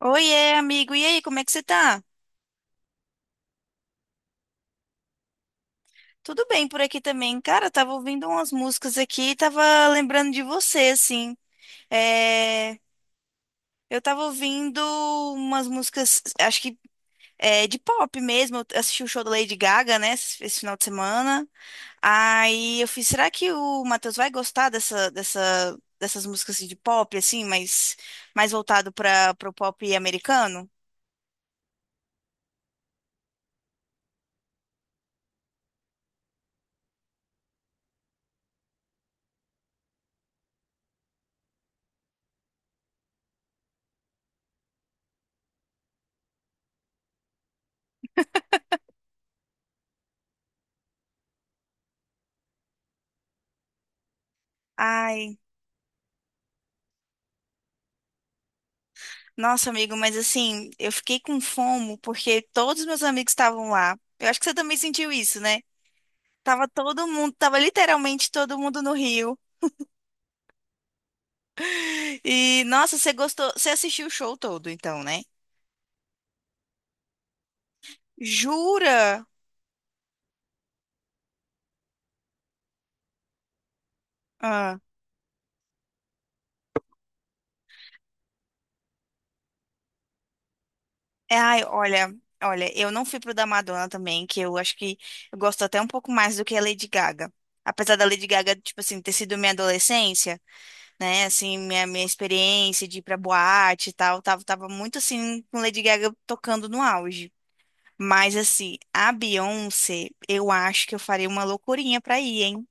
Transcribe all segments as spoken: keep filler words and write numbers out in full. Oiê, amigo. E aí, como é que você tá? Tudo bem por aqui também. Cara, eu tava ouvindo umas músicas aqui e tava lembrando de você, assim. É. Eu tava ouvindo umas músicas, acho que é, de pop mesmo. Eu assisti o show da Lady Gaga, né, esse esse final de semana. Aí eu fiz, será que o Matheus vai gostar dessa, dessa, dessas músicas assim, de pop, assim, mas mais voltado para o pop americano? Ai. Nossa, amigo, mas assim, eu fiquei com fomo porque todos os meus amigos estavam lá. Eu acho que você também sentiu isso, né? Tava todo mundo, tava literalmente todo mundo no Rio. E, nossa, você gostou, você assistiu o show todo, então, né? Jura? Ah. É. Ai, olha, olha, eu não fui pro da Madonna também, que eu acho que eu gosto até um pouco mais do que a Lady Gaga. Apesar da Lady Gaga, tipo assim, ter sido minha adolescência. Né? Assim, minha, minha experiência de ir pra boate e tal, tava, tava muito assim, com Lady Gaga tocando no auge. Mas assim, a Beyoncé, eu acho que eu farei uma loucurinha pra ir, hein?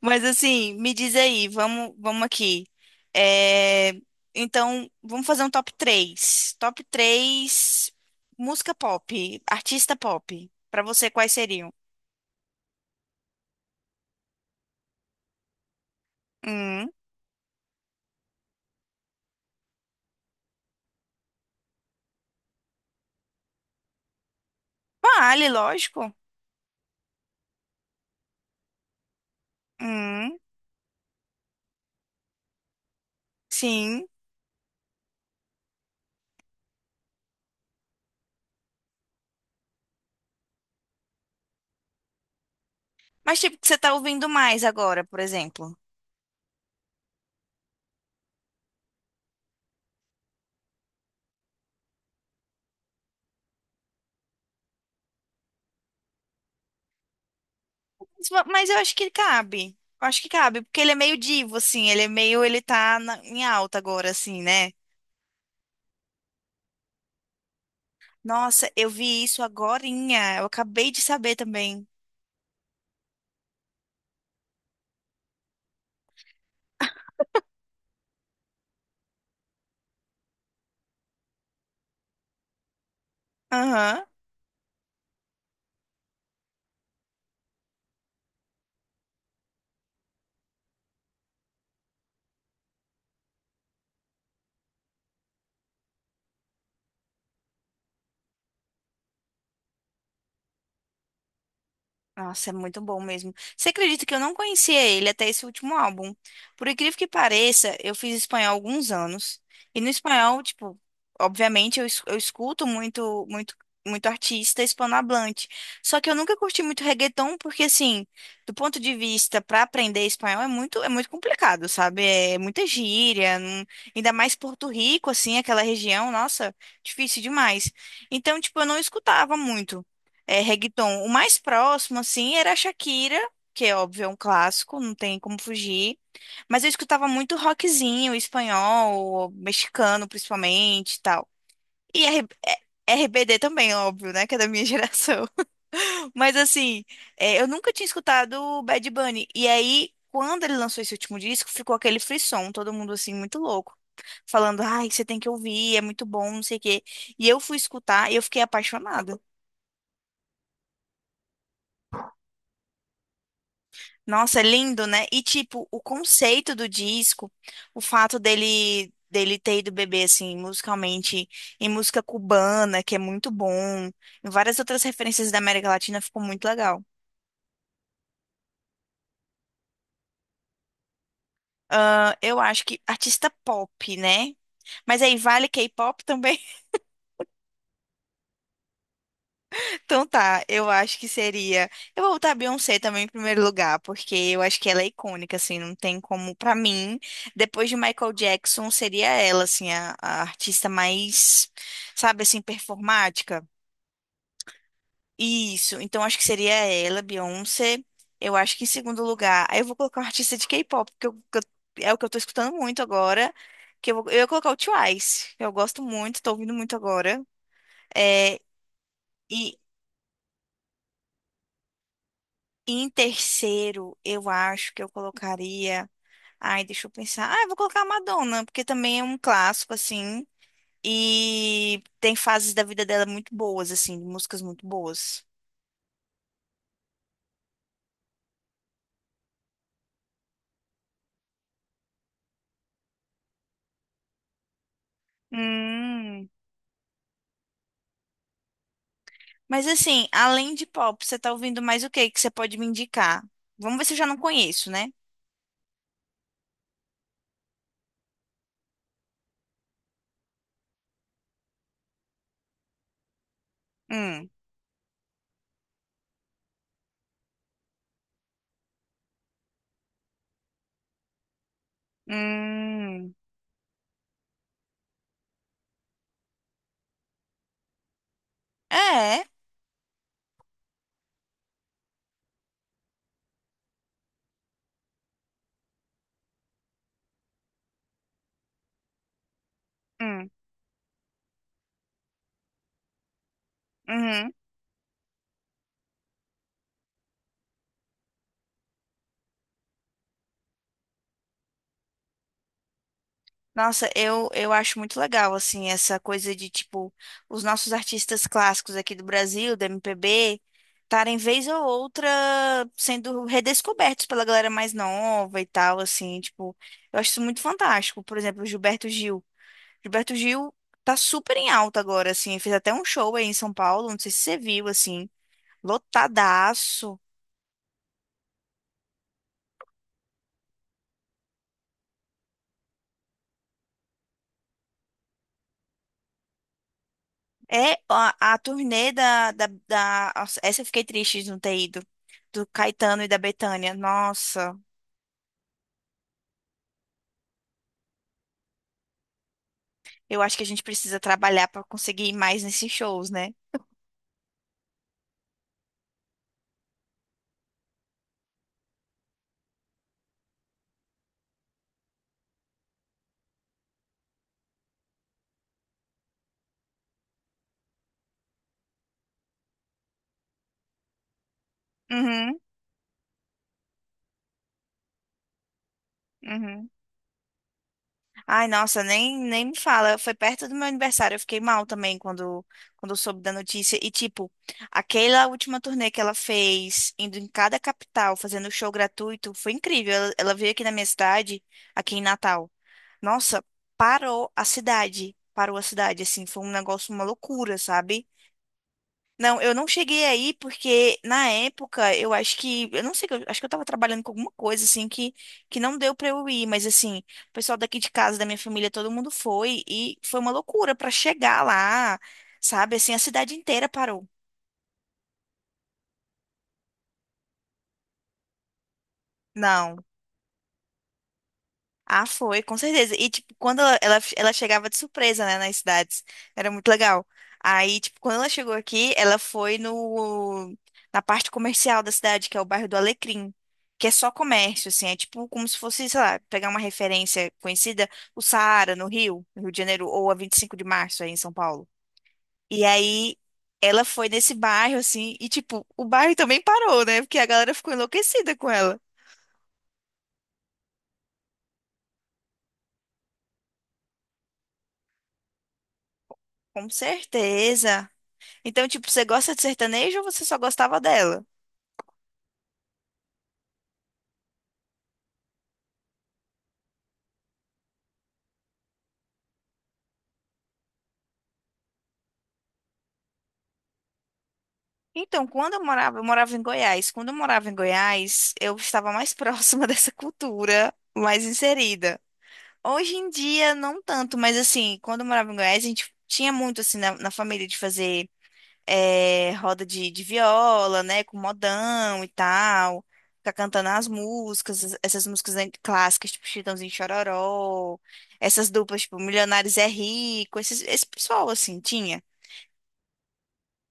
Mas assim, me diz aí, vamos, vamos aqui. É, então, vamos fazer um top três. Top três música pop, artista pop. Pra você, quais seriam? Hum, vale, lógico. Hum, sim. Mas tipo, o que você tá ouvindo mais agora, por exemplo? Mas eu acho que cabe. Eu acho que cabe, porque ele é meio divo, assim. Ele é meio. Ele tá na- em alta agora, assim, né? Nossa, eu vi isso agorinha. Eu acabei de saber também. Aham. Nossa, é muito bom mesmo. Você acredita que eu não conhecia ele até esse último álbum? Por incrível que pareça, eu fiz espanhol há alguns anos. E no espanhol, tipo, obviamente eu, es- eu escuto muito, muito, muito artista hispanohablante. Só que eu nunca curti muito reggaeton, porque assim, do ponto de vista para aprender espanhol é muito, é muito complicado, sabe? É muita gíria, não, ainda mais Porto Rico, assim, aquela região, nossa, difícil demais. Então, tipo, eu não escutava muito é, reggaeton. O mais próximo, assim, era a Shakira, que é óbvio, é um clássico, não tem como fugir. Mas eu escutava muito rockzinho, espanhol, mexicano, principalmente, e tal. E R- é, R B D também, óbvio, né? Que é da minha geração. Mas, assim, é, eu nunca tinha escutado o Bad Bunny. E aí, quando ele lançou esse último disco, ficou aquele frisson, todo mundo, assim, muito louco. Falando, ai, você tem que ouvir, é muito bom, não sei o quê. E eu fui escutar e eu fiquei apaixonada. Nossa, é lindo, né? E tipo, o conceito do disco, o fato dele dele ter ido beber assim, musicalmente, em música cubana, que é muito bom, em várias outras referências da América Latina, ficou muito legal. Ah, eu acho que artista pop, né? Mas aí vale K-pop também? Então tá, eu acho que seria. Eu vou botar a Beyoncé também em primeiro lugar, porque eu acho que ela é icônica, assim, não tem como. Pra mim, depois de Michael Jackson, seria ela, assim, a, a artista mais, sabe, assim, performática. Isso, então acho que seria ela, Beyoncé. Eu acho que em segundo lugar. Aí eu vou colocar um artista de K-pop, porque eu- que eu- é o que eu tô escutando muito agora. Que eu, vou, eu ia colocar o Twice, que eu gosto muito, tô ouvindo muito agora. É. e E em terceiro, eu acho que eu colocaria. Ai, deixa eu pensar. Ah, eu vou colocar a Madonna, porque também é um clássico, assim. E tem fases da vida dela muito boas, assim, músicas muito boas. Hum. Mas assim, além de pop, você tá ouvindo mais o que que você pode me indicar? Vamos ver se eu já não conheço, né? Hum. Hum. É. Hum. Uhum. Nossa, eu, eu acho muito legal, assim, essa coisa de, tipo, os nossos artistas clássicos aqui do Brasil, da M P B, estarem vez ou outra sendo redescobertos pela galera mais nova e tal, assim, tipo, eu acho isso muito fantástico. Por exemplo, o Gilberto Gil. Gilberto Gil tá super em alta agora, assim, fez até um show aí em São Paulo, não sei se você viu, assim, lotadaço. É a, a turnê da, da, da- nossa, essa eu fiquei triste de não ter ido. Do Caetano e da Bethânia. Nossa, eu acho que a gente precisa trabalhar pra conseguir ir mais nesses shows, né? Uhum, uhum. Ai, nossa, nem, nem me fala. Foi perto do meu aniversário. Eu fiquei mal também quando, quando eu soube da notícia. E, tipo, aquela última turnê que ela fez, indo em cada capital, fazendo show gratuito, foi incrível. Ela, ela veio aqui na minha cidade, aqui em Natal. Nossa, parou a cidade. Parou a cidade, assim, foi um negócio, uma loucura, sabe? Não, eu não cheguei aí porque na época eu acho que, eu não sei, eu acho que eu tava trabalhando com alguma coisa assim que que não deu pra eu ir, mas assim, o pessoal daqui de casa, da minha família, todo mundo foi e foi uma loucura pra chegar lá, sabe? Assim, a cidade inteira parou. Não. Ah, foi, com certeza. E, tipo, quando ela, ela, ela chegava de surpresa, né, nas cidades, era muito legal. Aí, tipo, quando ela chegou aqui, ela foi no, na parte comercial da cidade, que é o bairro do Alecrim, que é só comércio, assim, é tipo como se fosse, sei lá, pegar uma referência conhecida, o Saara, no Rio, no Rio de Janeiro, ou a vinte e cinco de março, aí em São Paulo. E aí, ela foi nesse bairro, assim, e, tipo, o bairro também parou, né, porque a galera ficou enlouquecida com ela. Com certeza. Então, tipo, você gosta de sertanejo ou você só gostava dela? Então, quando eu morava, eu morava em Goiás. Quando eu morava em Goiás, eu estava mais próxima dessa cultura, mais inserida. Hoje em dia, não tanto, mas assim, quando eu morava em Goiás, a gente tinha muito, assim, na, na família de fazer eh, roda de, de viola, né, com modão e tal, ficar cantando as músicas, es- essas músicas an- clássicas, tipo Chitãozinho e Chororó, essas duplas, tipo Milionários é Rico, esses, esse pessoal, assim, tinha.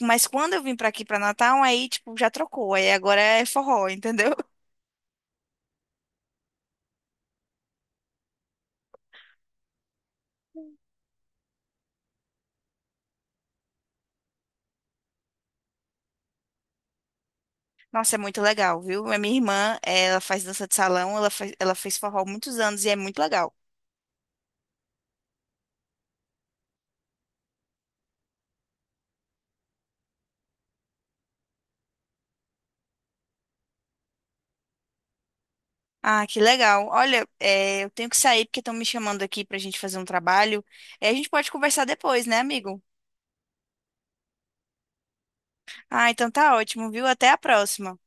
Mas quando eu vim pra aqui pra Natal, aí, tipo, já trocou. Aí agora é forró, entendeu? Nossa, é muito legal, viu? A minha irmã, ela faz dança de salão, ela faz, ela fez forró há muitos anos e é muito legal. Ah, que legal. Olha, é, eu tenho que sair porque estão me chamando aqui pra gente fazer um trabalho. É, a gente pode conversar depois, né, amigo? Ah, então tá ótimo, viu? Até a próxima.